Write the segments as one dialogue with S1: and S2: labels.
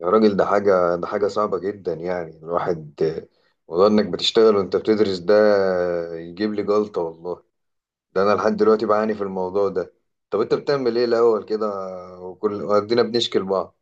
S1: يا راجل ده حاجة صعبة جدا، يعني الواحد موضوع انك بتشتغل وانت بتدرس ده يجيب لي جلطة والله. ده انا لحد دلوقتي بعاني في الموضوع ده. طب انت بتعمل ايه الاول كده؟ وكل وادينا بنشكل بعض.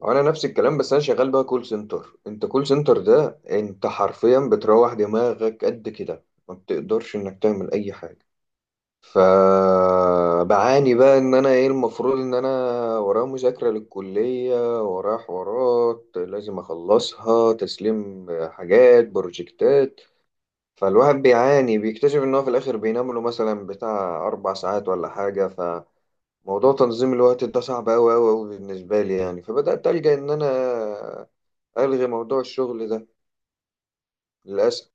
S1: وانا نفس الكلام، بس انا شغال بقى كول سنتر. انت كول سنتر ده انت حرفيا بتروح دماغك قد كده، ما بتقدرش انك تعمل اي حاجة. فبعاني بقى ان انا ايه المفروض ان انا ورايا مذاكرة للكلية، ورايا حوارات لازم اخلصها، تسليم حاجات بروجكتات. فالواحد بيعاني، بيكتشف ان هو في الاخر بينام له مثلا بتاع 4 ساعات ولا حاجة. فموضوع تنظيم الوقت ده صعب اوي اوي اوي بالنسبة لي، يعني فبدأت ألجأ ان انا الغي موضوع الشغل ده. للأسف.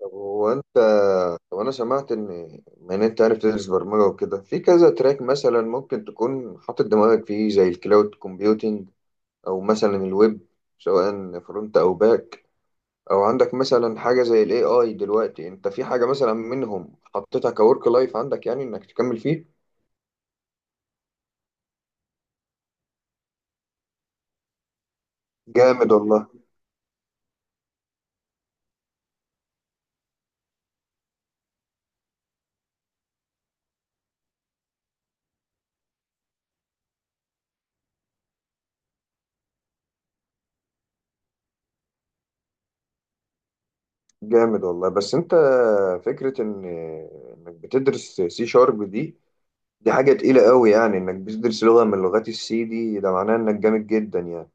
S1: طب هو انت طب انا سمعت ان انت عارف تدرس برمجه وكده في كذا تراك، مثلا ممكن تكون حاطط دماغك فيه زي الكلاود كومبيوتنج، او مثلا الويب، سواء فرونت او باك، او عندك مثلا حاجه زي الاي اي. دلوقتي انت في حاجه مثلا منهم حطيتها كورك لايف عندك، يعني انك تكمل فيه؟ جامد والله. جامد والله، بس انت فكره ان انك بتدرس سي شارب دي، دي حاجه تقيله قوي، يعني انك بتدرس لغه من لغات السي دي ده معناه انك جامد جدا يعني.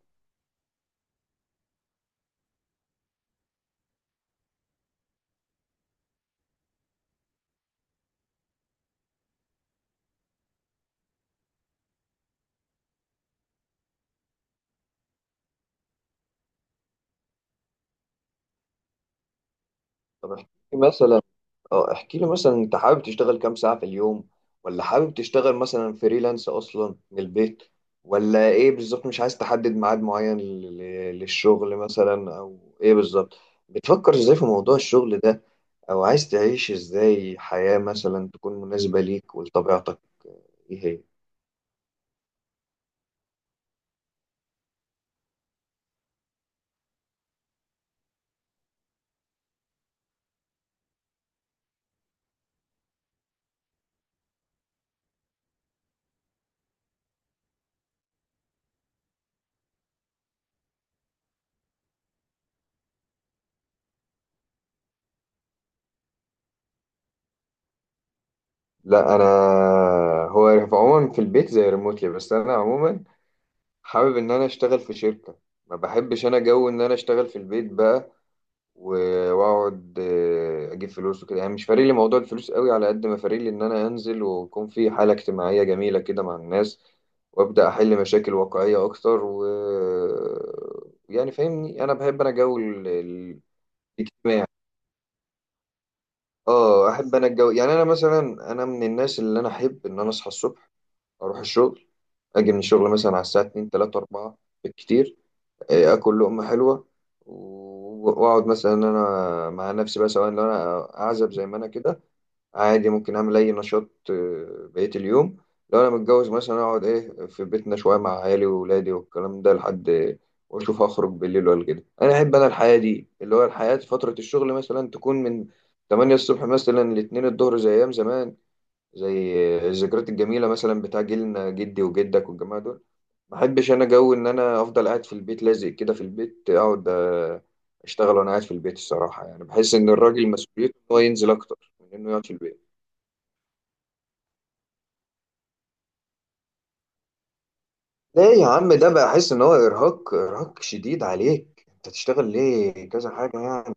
S1: طب احكي مثلا اه احكي لي مثلا، انت حابب تشتغل كام ساعة في اليوم؟ ولا حابب تشتغل مثلا فريلانس اصلا من البيت؟ ولا ايه بالظبط؟ مش عايز تحدد ميعاد معين للشغل مثلا؟ او ايه بالظبط؟ بتفكر ازاي في موضوع الشغل ده؟ او عايز تعيش ازاي حياة مثلا تكون مناسبة ليك ولطبيعتك؟ ايه هي لا انا، هو في عموما في البيت زي ريموتلي، بس انا عموما حابب ان انا اشتغل في شركة. ما بحبش انا جو ان انا اشتغل في البيت بقى، واقعد اجيب فلوس وكده. يعني مش فارق لي موضوع الفلوس قوي على قد ما فارق لي ان انا انزل، ويكون في حالة اجتماعية جميلة كده مع الناس، وابدا احل مشاكل واقعية اكتر و، يعني فاهمني؟ انا بحب انا جو الاجتماع. اه احب انا الجو. يعني انا مثلا انا من الناس اللي انا احب ان انا اصحى الصبح، اروح الشغل، اجي من الشغل مثلا على الساعة 2 3 4 بالكتير. اكل لقمه حلوه، واقعد مثلا إن انا مع نفسي بقى، سواء لو انا اعزب زي ما انا كده، عادي ممكن اعمل اي نشاط بقيه اليوم. لو انا متجوز مثلا اقعد ايه في بيتنا شويه مع عيالي واولادي والكلام ده لحد، واشوف هخرج بالليل ولا كده. انا احب انا الحياه دي، اللي هو الحياه في فتره الشغل مثلا تكون من 8 الصبح مثلا ل 2 الظهر، زي ايام زمان، زي الذكريات الجميله مثلا بتاع جيلنا، جدي وجدك والجماعه دول. ما بحبش انا جو ان انا افضل قاعد في البيت، لازق كده في البيت اقعد، اشتغل وانا قاعد في البيت الصراحه، يعني بحس ان الراجل مسؤوليته ان هو ينزل اكتر من انه يقعد في البيت. ليه يا عم ده؟ بقى احس ان هو ارهاق، ارهاق شديد عليك، انت تشتغل ليه كذا حاجه يعني؟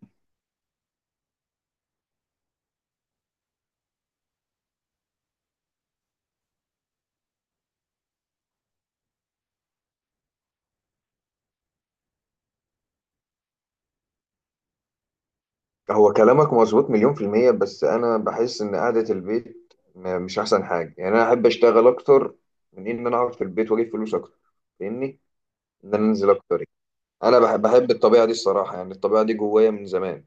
S1: هو كلامك مظبوط مليون في الميه، بس انا بحس ان قعده البيت مش احسن حاجه. يعني انا احب اشتغل اكتر من ان انا اقعد في البيت واجيب فلوس اكتر، فاهمني؟ ان انا انزل اكتر يعني. انا بحب الطبيعه دي الصراحه، يعني الطبيعه دي جوايا من زمان.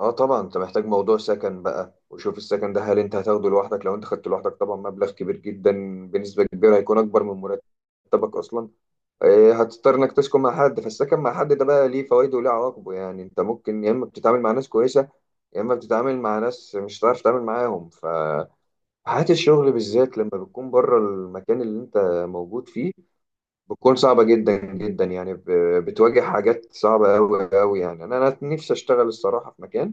S1: اه طبعا، انت محتاج موضوع سكن بقى، وشوف السكن ده هل انت هتاخده لوحدك؟ لو انت خدته لوحدك طبعا مبلغ كبير جدا، بنسبة كبيرة هيكون اكبر من مرتبك اصلا. هتضطر انك تسكن مع حد. فالسكن مع حد ده بقى ليه فوائده وليه عواقبه، يعني انت ممكن يا اما بتتعامل مع ناس كويسة، يا اما بتتعامل مع ناس مش هتعرف تتعامل معاهم. فحياة الشغل بالذات لما بتكون بره المكان اللي انت موجود فيه بتكون صعبة جدا جدا، يعني بتواجه حاجات صعبة أوي أوي. يعني أنا نفسي أشتغل الصراحة في مكان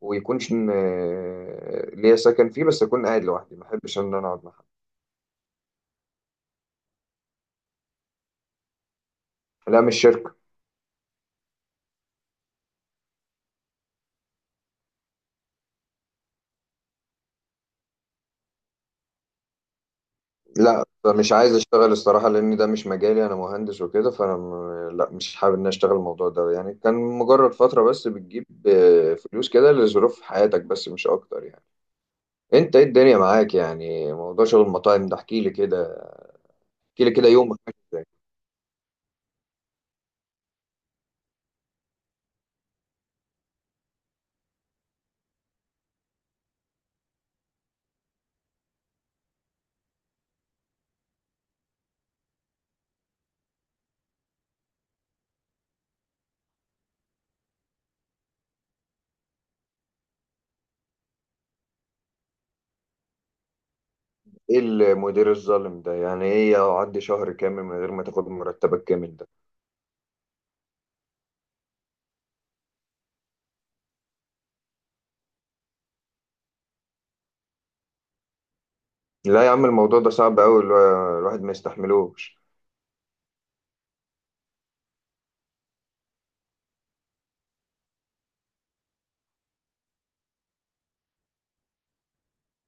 S1: ويكونش ليا سكن فيه، بس اكون قاعد لوحدي، ما احبش ان انا اقعد مع حد. لا مش شركه. لا مش عايز اشتغل الصراحه، لان ده مش مجالي، انا مهندس وكده. فانا لا مش حابب ان أنا اشتغل الموضوع ده، يعني كان مجرد فتره بس بتجيب فلوس كده لظروف حياتك بس، مش اكتر يعني. انت ايه الدنيا معاك؟ يعني موضوع شغل المطاعم ده احكي لي كده، احكي لي كده، يومك ماشي إزاي؟ ايه المدير الظالم ده يعني؟ ايه اقعد شهر كامل من غير ما تاخد مرتبك كامل ده؟ لا يا عم الموضوع ده صعب أوي، الواحد ما يستحملوش.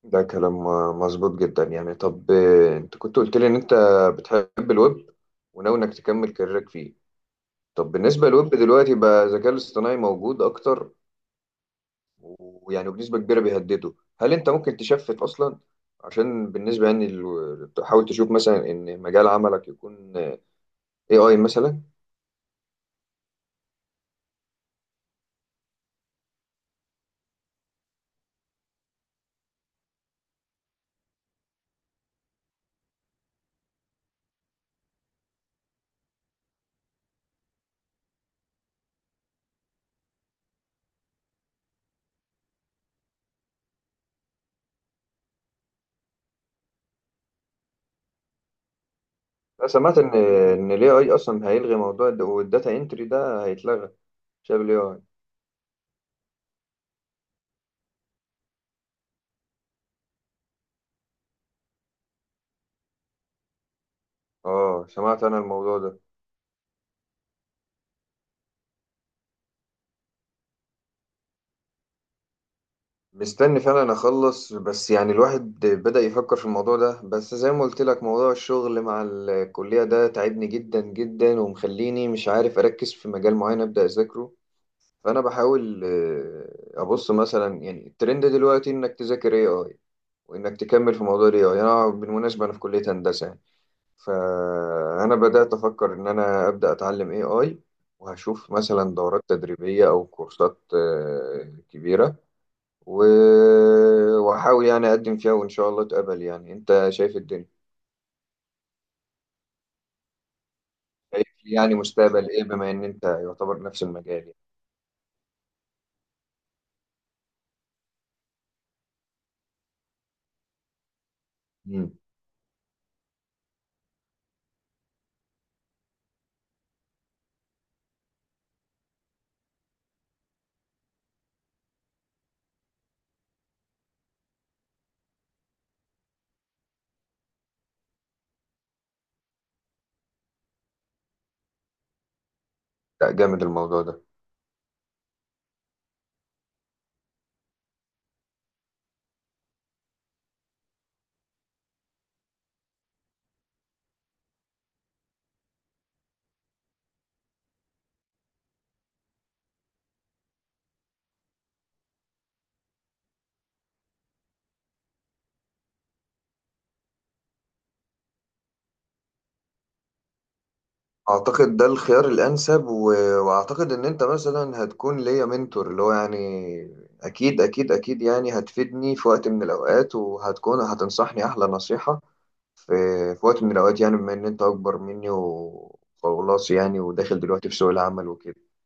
S1: ده كلام مظبوط جدا يعني. طب أنت كنت قلت لي إن أنت بتحب الويب وناوي إنك تكمل كاريرك فيه. طب بالنسبة للويب دلوقتي بقى الذكاء الاصطناعي موجود أكتر، ويعني بنسبة كبيرة بيهدده. هل أنت ممكن تشفت أصلا؟ عشان بالنسبة يعني، تحاول تشوف مثلا إن مجال عملك يكون AI مثلا؟ أنا سمعت إن ال AI أصلا هيلغي موضوع والداتا انتري، ده هيتلغى بسبب ال AI. اه سمعت انا الموضوع ده. مستني فعلا اخلص، بس يعني الواحد بدأ يفكر في الموضوع ده، بس زي ما قلت لك موضوع الشغل مع الكلية ده تعبني جدا جدا، ومخليني مش عارف اركز في مجال معين ابدأ اذاكره. فانا بحاول ابص مثلا، يعني الترند دلوقتي انك تذاكر اي اي، وانك تكمل في موضوع الاي اي. انا بالمناسبة انا في كلية هندسة يعني، فانا بدأت افكر ان انا ابدأ اتعلم اي اي، وهشوف مثلا دورات تدريبية او كورسات كبيرة، وأحاول يعني أقدم فيها، وإن شاء الله أتقبل. يعني أنت شايف الدنيا، شايف لي يعني مستقبل إيه؟ بما إن أنت يعتبر نفس المجال يعني. مم. لا جامد الموضوع ده. أعتقد ده الخيار الأنسب، وأعتقد إن أنت مثلا هتكون ليا منتور، اللي هو يعني أكيد أكيد أكيد يعني، هتفيدني في وقت من الأوقات، وهتكون هتنصحني أحلى نصيحة في... في وقت من الأوقات، يعني بما إن أنت أكبر مني وخلاص، يعني وداخل دلوقتي في سوق العمل وكده.